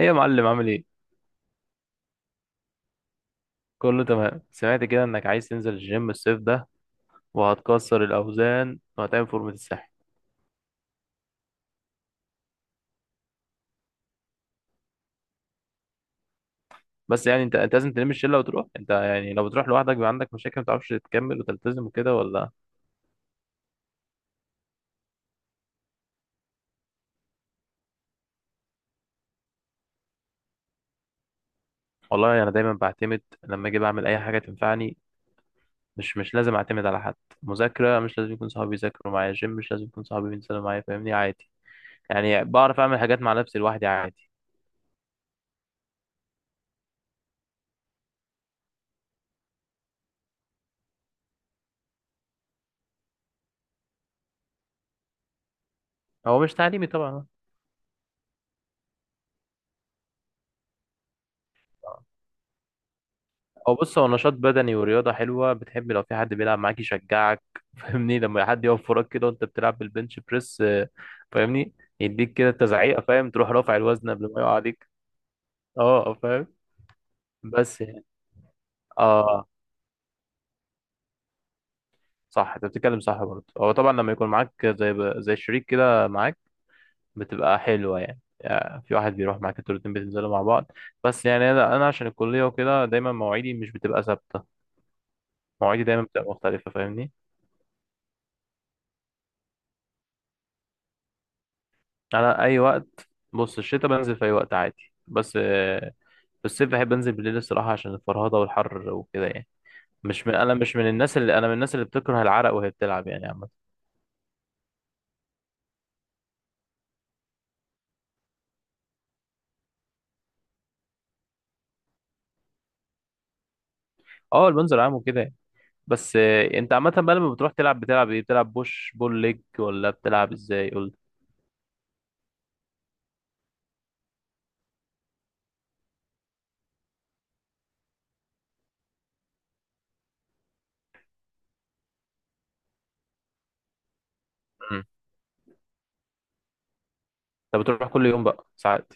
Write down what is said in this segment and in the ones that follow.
ايه يا معلم، عامل ايه؟ كله تمام. سمعت كده انك عايز تنزل الجيم الصيف ده، وهتكسر الاوزان وهتعمل فورمه الساحل. بس يعني انت لازم تلم الشله وتروح انت، يعني لو بتروح لوحدك بيبقى عندك مشاكل، ما تعرفش تكمل وتلتزم وكده، ولا؟ والله انا يعني دايما بعتمد، لما اجي بعمل اي حاجه تنفعني. مش لازم اعتمد على حد. مذاكره مش لازم يكون صحابي يذاكروا معايا، جيم مش لازم يكون صحابي بينزلوا معايا، فاهمني؟ عادي. يعني بعرف اعمل حاجات مع نفسي لوحدي عادي. هو مش تعليمي طبعا. هو، بص، هو نشاط بدني ورياضة حلوة، بتحب لو في حد بيلعب معاك يشجعك. فاهمني؟ لما حد يقف وراك كده وانت بتلعب بالبنش بريس، فاهمني. يديك كده تزعيقة، فاهم؟ تروح رافع الوزن قبل ما يقع عليك. اه، فاهم. بس يعني، اه صح، انت بتتكلم صح برضه، هو طبعا لما يكون معاك زي شريك كده معاك، بتبقى حلوة يعني. يعني في واحد بيروح معاك انتوا الاتنين بتنزلوا مع بعض. بس يعني انا عشان الكلية وكده دايما مواعيدي مش بتبقى ثابتة. مواعيدي دايما بتبقى مختلفة، فاهمني؟ انا اي وقت، بص، الشتاء بنزل في اي وقت عادي، بس في الصيف بحب انزل بالليل الصراحه، عشان الفرهده والحر وكده يعني. مش من، انا مش من الناس اللي، انا من الناس اللي بتكره العرق وهي بتلعب يعني عامه. اه، اللي بنزل عام وكده يعني. بس انت عامه بقى، لما بتروح تلعب بتلعب ايه؟ بتلعب بوش بول ليج ولا بتلعب ازاي، قول لي. انت بتروح كل يوم بقى ساعات؟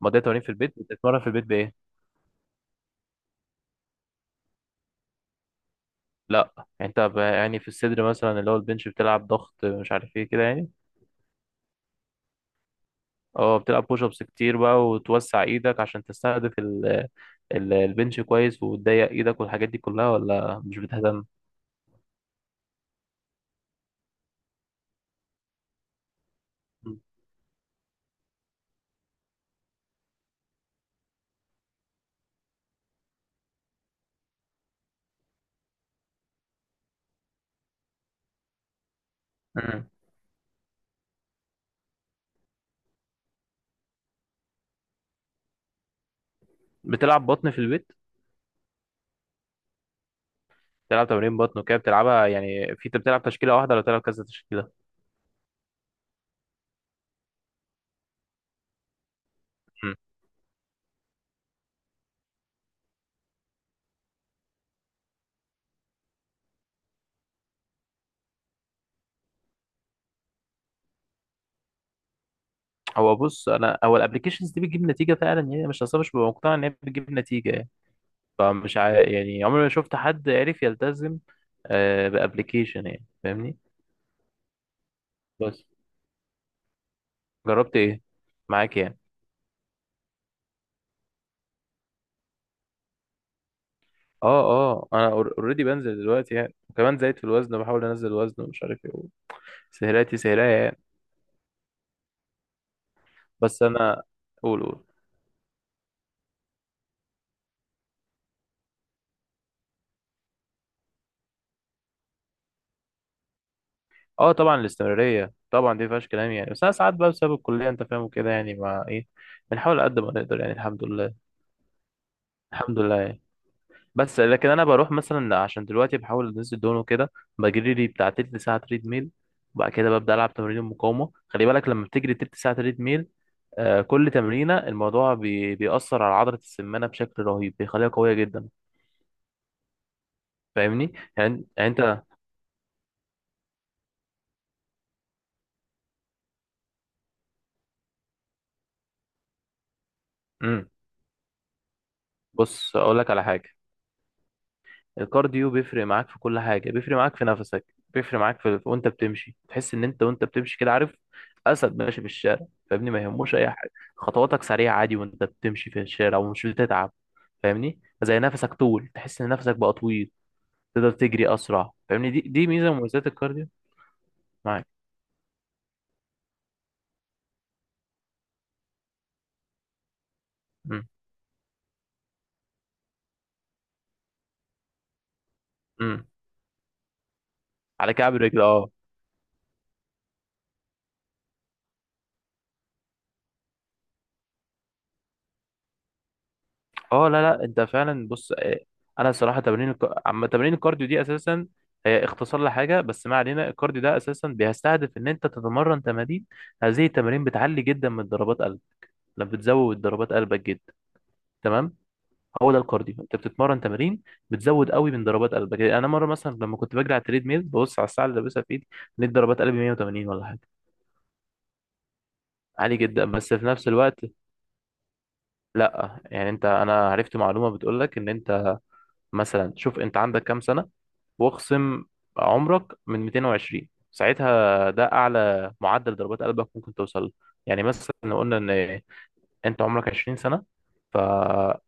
مضيت تمارين في البيت؟ بتتمرن في البيت بايه؟ لا يعني انت يعني في الصدر مثلا، اللي هو البنش، بتلعب ضغط مش عارف ايه كده يعني. اه، بتلعب بوش ابس كتير بقى، وتوسع ايدك عشان تستهدف البنش كويس، وتضيق ايدك والحاجات دي كلها، ولا مش بتهتم؟ مم. بتلعب بطن في البيت؟ بتلعب تمارين بطن وكده، بتلعبها يعني، في انت بتلعب تشكيله واحده ولا بتلعب كذا تشكيله؟ مم. هو، بص، انا هو الابلكيشنز دي بتجيب نتيجه فعلا يعني، مش اصلا، مش ببقى مقتنع ان هي بتجيب نتيجه يعني. فمش يعني عمري ما شفت حد عرف يلتزم بابلكيشن يعني، فاهمني. بس جربت ايه معاك يعني؟ اه اه، انا اوريدي بنزل دلوقتي يعني، وكمان زايد في الوزن بحاول انزل الوزن ومش عارف ايه، سهراتي سهرية يعني. بس انا، قول قول. اه، طبعا الاستمرارية طبعا دي مفيهاش كلام يعني، بس انا ساعات بقى بسبب الكلية انت فاهم وكده يعني، مع ايه بنحاول قد ما نقدر يعني، الحمد لله. الحمد لله يعني. بس لكن انا بروح مثلا عشان دلوقتي بحاول انزل دهون وكده، بجري لي بتاع تلت ساعة تريد ميل، وبعد كده ببدأ ألعب تمارين المقاومة. خلي بالك، لما بتجري تلت ساعة تريد ميل، كل تمرينة الموضوع بيأثر على عضلة السمانة بشكل رهيب، بيخليها قوية جدا. فاهمني يعني، يعني انت. امم بص اقول لك على حاجة. الكارديو بيفرق معاك في كل حاجة، بيفرق معاك في نفسك، بيفرق معاك في، وانت بتمشي تحس ان انت وانت بتمشي كده، عارف؟ اسد ماشي في الشارع، فاهمني؟ ما يهموش اي حاجة، خطواتك سريعة عادي وانت بتمشي في الشارع ومش بتتعب. فاهمني، زي نفسك طول، تحس ان نفسك بقى طويل، تقدر تجري اسرع، فاهمني؟ دي ميزة من مميزات الكارديو. معاك. امم. امم. على كعب رجل، اه. اه، لا لا، انت فعلا، بص، انا صراحه تمارين الكارديو دي اساسا، هي اختصار لحاجه، بس ما علينا. الكارديو ده اساسا بيستهدف ان انت تتمرن تمارين، هذه التمارين بتعلي جدا من ضربات قلب. لما بتزود ضربات قلبك جدا، تمام؟ هو ده الكارديو، انت بتتمرن تمارين بتزود قوي من ضربات قلبك. يعني انا مره مثلا لما كنت بجري على التريد ميل، ببص على الساعه اللي لابسها في ايدي، لقيت ضربات قلبي 180 ولا حاجه. عالي جدا، بس في نفس الوقت، لا يعني انت، انا عرفت معلومه بتقول لك ان انت مثلا شوف انت عندك كام سنه، واخصم عمرك من 220، ساعتها ده اعلى معدل ضربات قلبك ممكن توصل له. يعني مثلا لو قلنا ان انت عمرك 20 سنه، فتخصم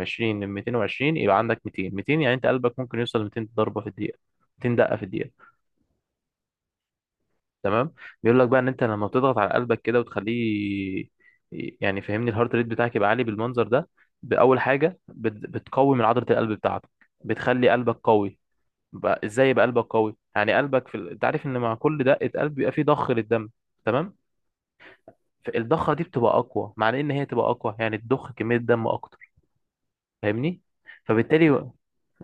20 من 220، يبقى عندك 200. 200 يعني انت قلبك ممكن يوصل 200 ضربه في الدقيقه، 200 دقه في الدقيقه، تمام؟ بيقول لك بقى ان انت لما بتضغط على قلبك كده وتخليه، يعني فهمني، الهارت ريت بتاعك يبقى عالي بالمنظر ده، باول حاجه بتقوي من عضله القلب بتاعتك، بتخلي قلبك قوي. بقى ازاي يبقى قلبك قوي؟ يعني قلبك في انت عارف ان مع كل دقه قلب بيبقى فيه ضخ للدم، تمام؟ فالضخه دي بتبقى اقوى، معنى ان هي تبقى اقوى يعني تضخ كميه دم اكتر، فاهمني؟ فبالتالي، قول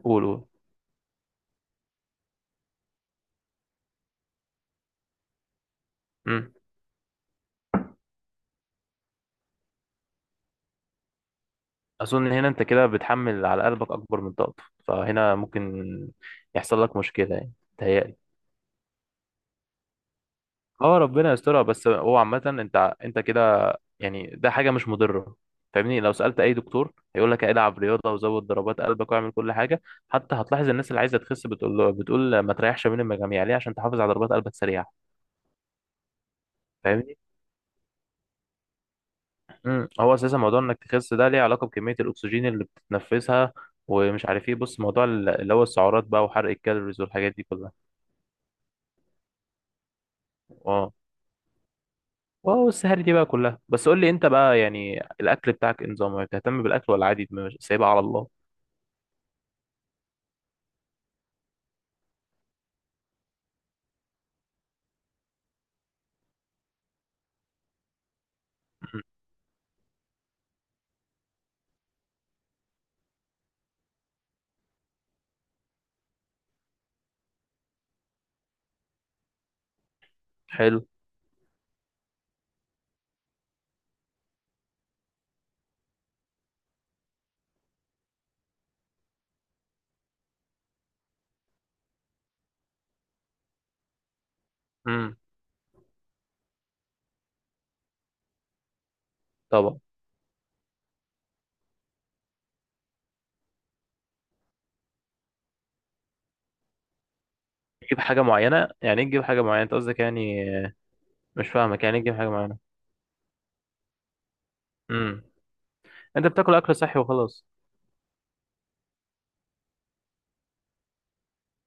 قول. امم اظن هنا انت كده بتحمل على قلبك اكبر من طاقته، فهنا ممكن يحصل لك مشكله يعني، تهيألي. اه، ربنا يسترها، بس هو عامة، انت كده يعني ده حاجة مش مضرة. فاهمني؟ لو سألت أي دكتور هيقول لك العب رياضة وزود ضربات قلبك واعمل كل حاجة. حتى هتلاحظ الناس اللي عايزة تخس بتقول له، بتقول ما تريحش بين المجاميع ليه، عشان تحافظ على ضربات قلبك سريعة، فاهمني. هو أساسا موضوع إنك تخس ده ليه علاقة بكمية الأكسجين اللي بتتنفسها، ومش عارف إيه، بص موضوع اللي هو السعرات بقى، وحرق الكالوريز والحاجات دي كلها. اه، واو السهر دي بقى كلها. بس قول لي أنت بقى، يعني الأكل بتاعك إيه نظامه؟ بتهتم بالأكل ولا عادي، سايبها على الله؟ مم. حلو. امم طبعا. تجيب حاجه معينه يعني ايه، تجيب حاجه معينه انت قصدك يعني؟ مش فاهمك، يعني ايه تجيب حاجه معينه؟ امم انت بتاكل اكل صحي وخلاص؟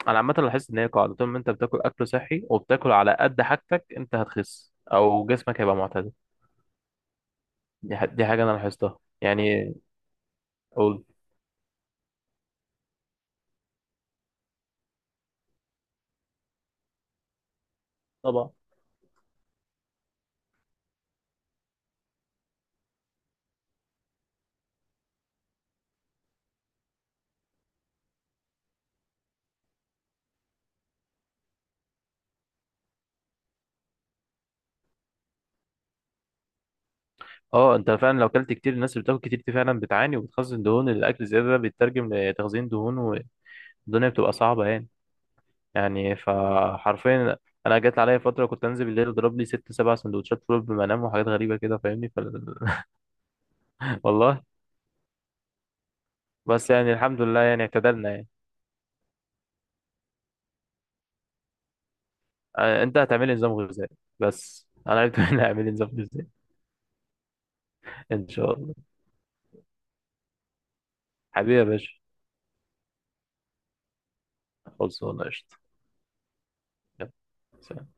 انا عامه لاحظت ان هي قاعده، طول ما انت بتاكل اكل صحي وبتاكل على قد حاجتك، انت هتخس او جسمك هيبقى معتدل. دي حاجه انا لاحظتها يعني. قول. طبعا. اه، انت فعلا لو اكلت كتير، الناس اللي بتاكل كتير دي فعلا بتعاني وبتخزن دهون، الاكل الزياده ده بيترجم لتخزين دهون، والدنيا بتبقى صعبه يعني. يعني فحرفيا، انا جت عليا فتره كنت انزل بالليل اضرب لي ست سبع سندوتشات فول قبل ما انام وحاجات غريبه كده، فاهمني. والله. بس يعني الحمد لله يعني اعتدلنا يعني. انت هتعملي نظام غذائي، بس انا عرفت ان هعمل نظام غذائي. ان شاء الله. حبيبي يا باشا. خلصانه قشطه. يلا، سلام.